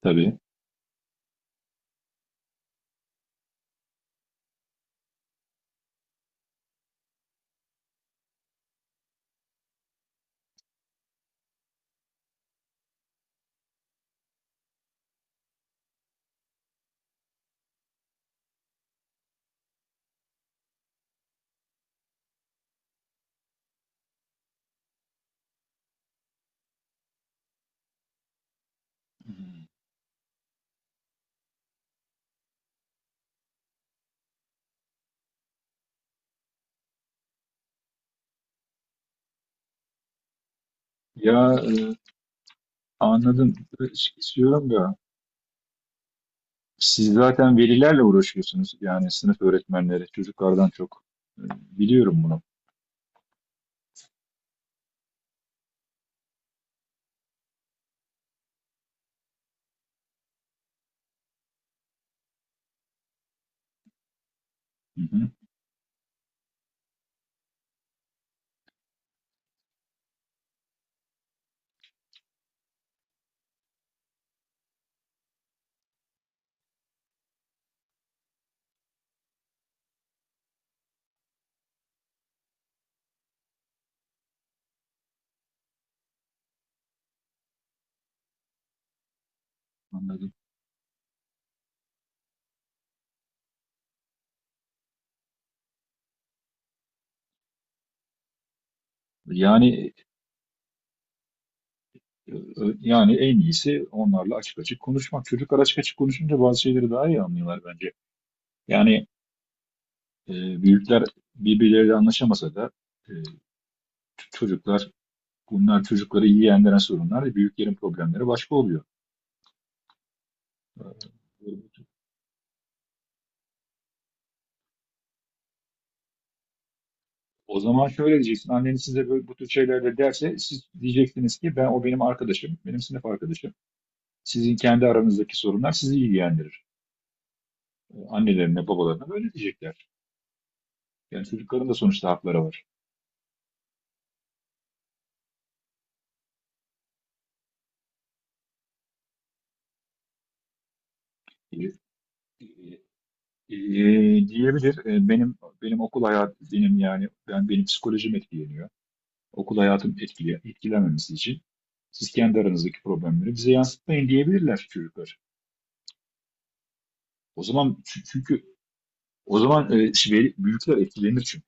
Tabii. Ya e, Anladım. İstiyorum ya. Siz zaten velilerle uğraşıyorsunuz. Yani sınıf öğretmenleri, çocuklardan çok. E, Biliyorum bunu. Hı hı, anladım. Yani e, e, Yani en iyisi onlarla açık açık konuşmak. Çocuklar açık açık konuşunca bazı şeyleri daha iyi anlıyorlar bence. Yani e, Büyükler birbirleriyle anlaşamasa da e, ç- çocuklar, bunlar çocukları iyi yendiren sorunlar, büyüklerin problemleri başka oluyor. O zaman şöyle diyeceksin. Anneniz size böyle, bu tür şeyler derse siz diyeceksiniz ki ben o benim arkadaşım, benim sınıf arkadaşım. Sizin kendi aranızdaki sorunlar sizi ilgilendirir. Annelerine, babalarına böyle diyecekler. Yani çocukların da sonuçta hakları var. E, e, Diyebilir. Benim okul hayatım, benim, yani ben, benim psikolojim etkileniyor. Okul hayatım etkile, etkilenmemesi için siz kendi aranızdaki problemleri bize yansıtmayın diyebilirler çocuklar. Çünkü o zaman büyükler etkilenir,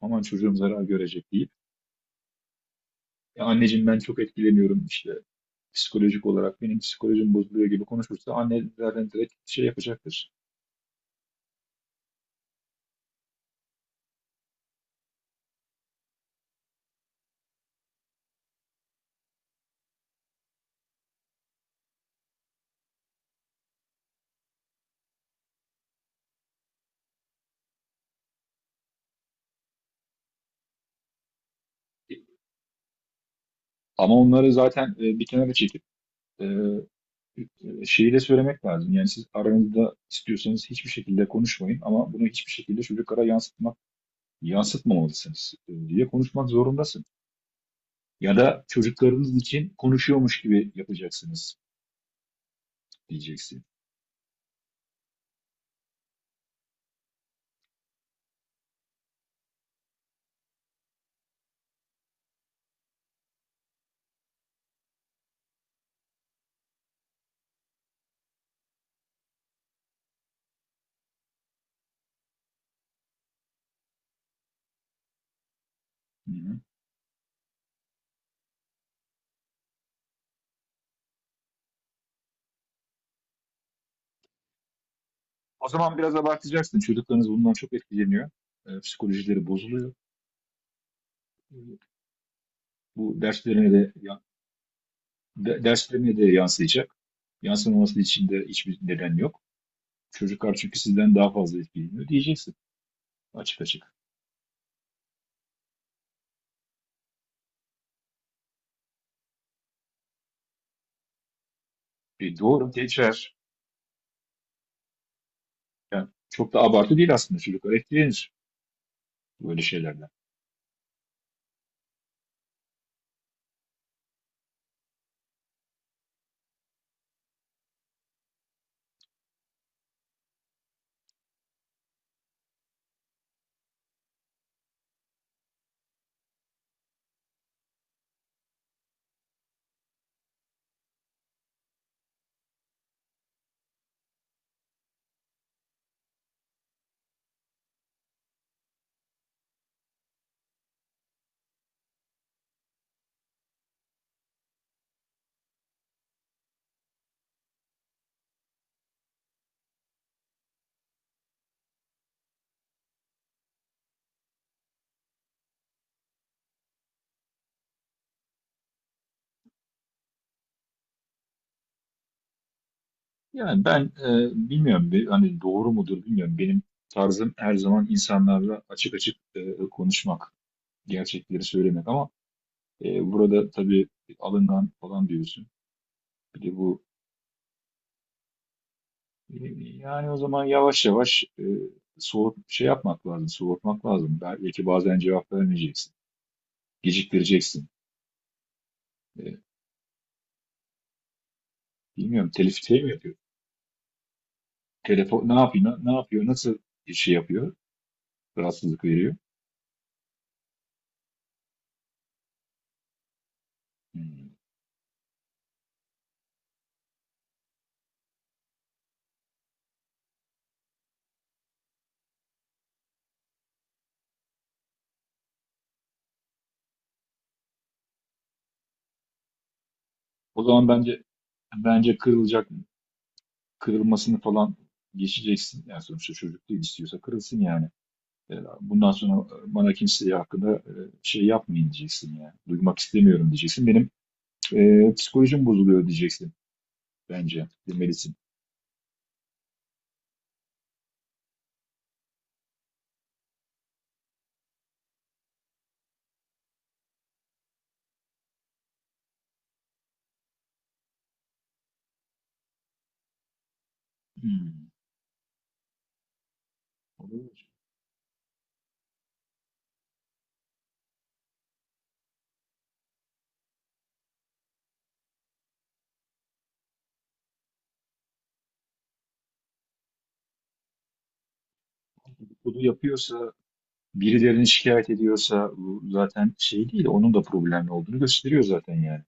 aman çocuğum zarar görecek deyip, ya anneciğim ben çok etkileniyorum işte, psikolojik olarak benim psikolojim bozuluyor gibi konuşursa anne zaten direkt şey yapacaktır. Ama onları zaten bir kenara çekip e, şeyi de söylemek lazım. Yani siz aranızda istiyorsanız hiçbir şekilde konuşmayın ama bunu hiçbir şekilde çocuklara yansıtmamalısınız diye konuşmak zorundasın. Ya da çocuklarınız için konuşuyormuş gibi yapacaksınız diyeceksin. Hı hı. O zaman biraz abartacaksın. Çocuklarınız bundan çok etkileniyor. Psikolojileri bozuluyor. E, Bu derslerine de derslerine de yansıyacak. Yansımaması için de hiçbir neden yok. Çocuklar çünkü sizden daha fazla etkileniyor diyeceksin, açık açık. Doğru geçer. Yani çok da abartı değil, aslında çocuklar etkilenir böyle şeylerden. Yani bilmiyorum, hani doğru mudur bilmiyorum. Benim tarzım her zaman insanlarla açık açık konuşmak, gerçekleri söylemek ama burada tabii alından falan diyorsun. Bir de bu e, yani o zaman yavaş yavaş soğut şey yapmak lazım, soğutmak lazım. Belki bazen cevap vermeyeceksin, geciktireceksin. E, Bilmiyorum, telif şey mi yapıyor? Telefon ne yapıyor, ne, ne yapıyor, nasıl şey yapıyor, rahatsızlık veriyor. Hmm. O zaman bence Bence kırılacak, kırılmasını falan geçeceksin. Yani sonuçta çocuk değil, istiyorsa kırılsın yani. E, Bundan sonra bana kimseye hakkında şey yapmayın diyeceksin ya. Duymak istemiyorum diyeceksin. Benim psikolojim bozuluyor diyeceksin bence. Demelisin. Hmm. Olabilir. Bunu yapıyorsa, birilerini şikayet ediyorsa, bu zaten şey değil, onun da problemli olduğunu gösteriyor zaten yani.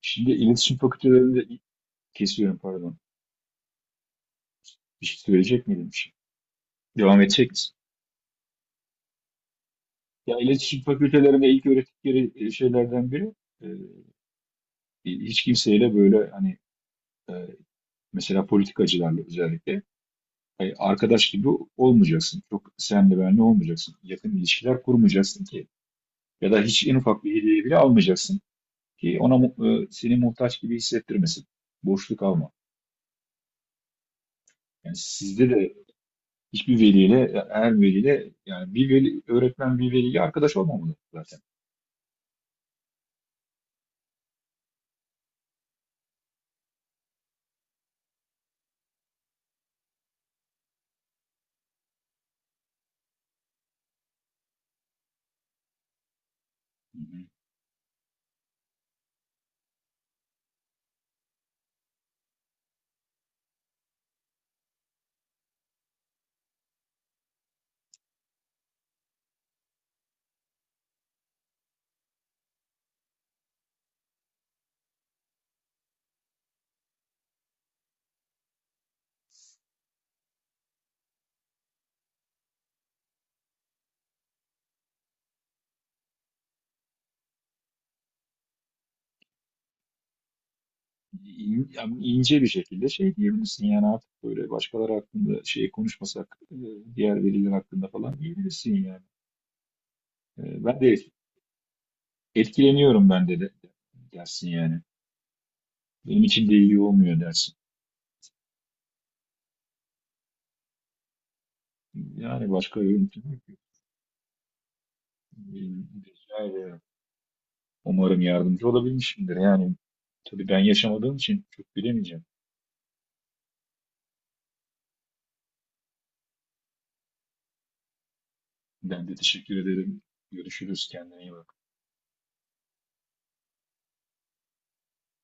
Şimdi iletişim fakültelerinde kesiyorum, pardon. Bir şey söyleyecek miydim? Bir şey. Devam edecek misin? Ya iletişim fakültelerinde ilk öğrettikleri şeylerden biri, e, hiç kimseyle böyle hani, e, mesela politikacılarla özellikle hani arkadaş gibi olmayacaksın. Çok senle benle olmayacaksın. Yakın ilişkiler kurmayacaksın ki. Ya da hiç en ufak bir hediye bile almayacaksın ki ona seni muhtaç gibi hissettirmesin. Borçluk alma. Yani sizde de hiçbir veliyle, her veliyle, yani bir veli, öğretmen bir veliyle arkadaş olmamalı zaten. Hı hı. Yani ince bir şekilde şey diyebilirsin, yani artık böyle başkaları hakkında şey konuşmasak, diğer veliler hakkında falan diyebilirsin yani. Ben de etkileniyorum, ben de, de dersin yani. Benim için de iyi olmuyor dersin. Yani başka yöntem yok. Rica ederim. Umarım yardımcı olabilmişimdir. Yani tabii ben yaşamadığım için çok bilemeyeceğim. Ben de teşekkür ederim. Görüşürüz. Kendine iyi bak.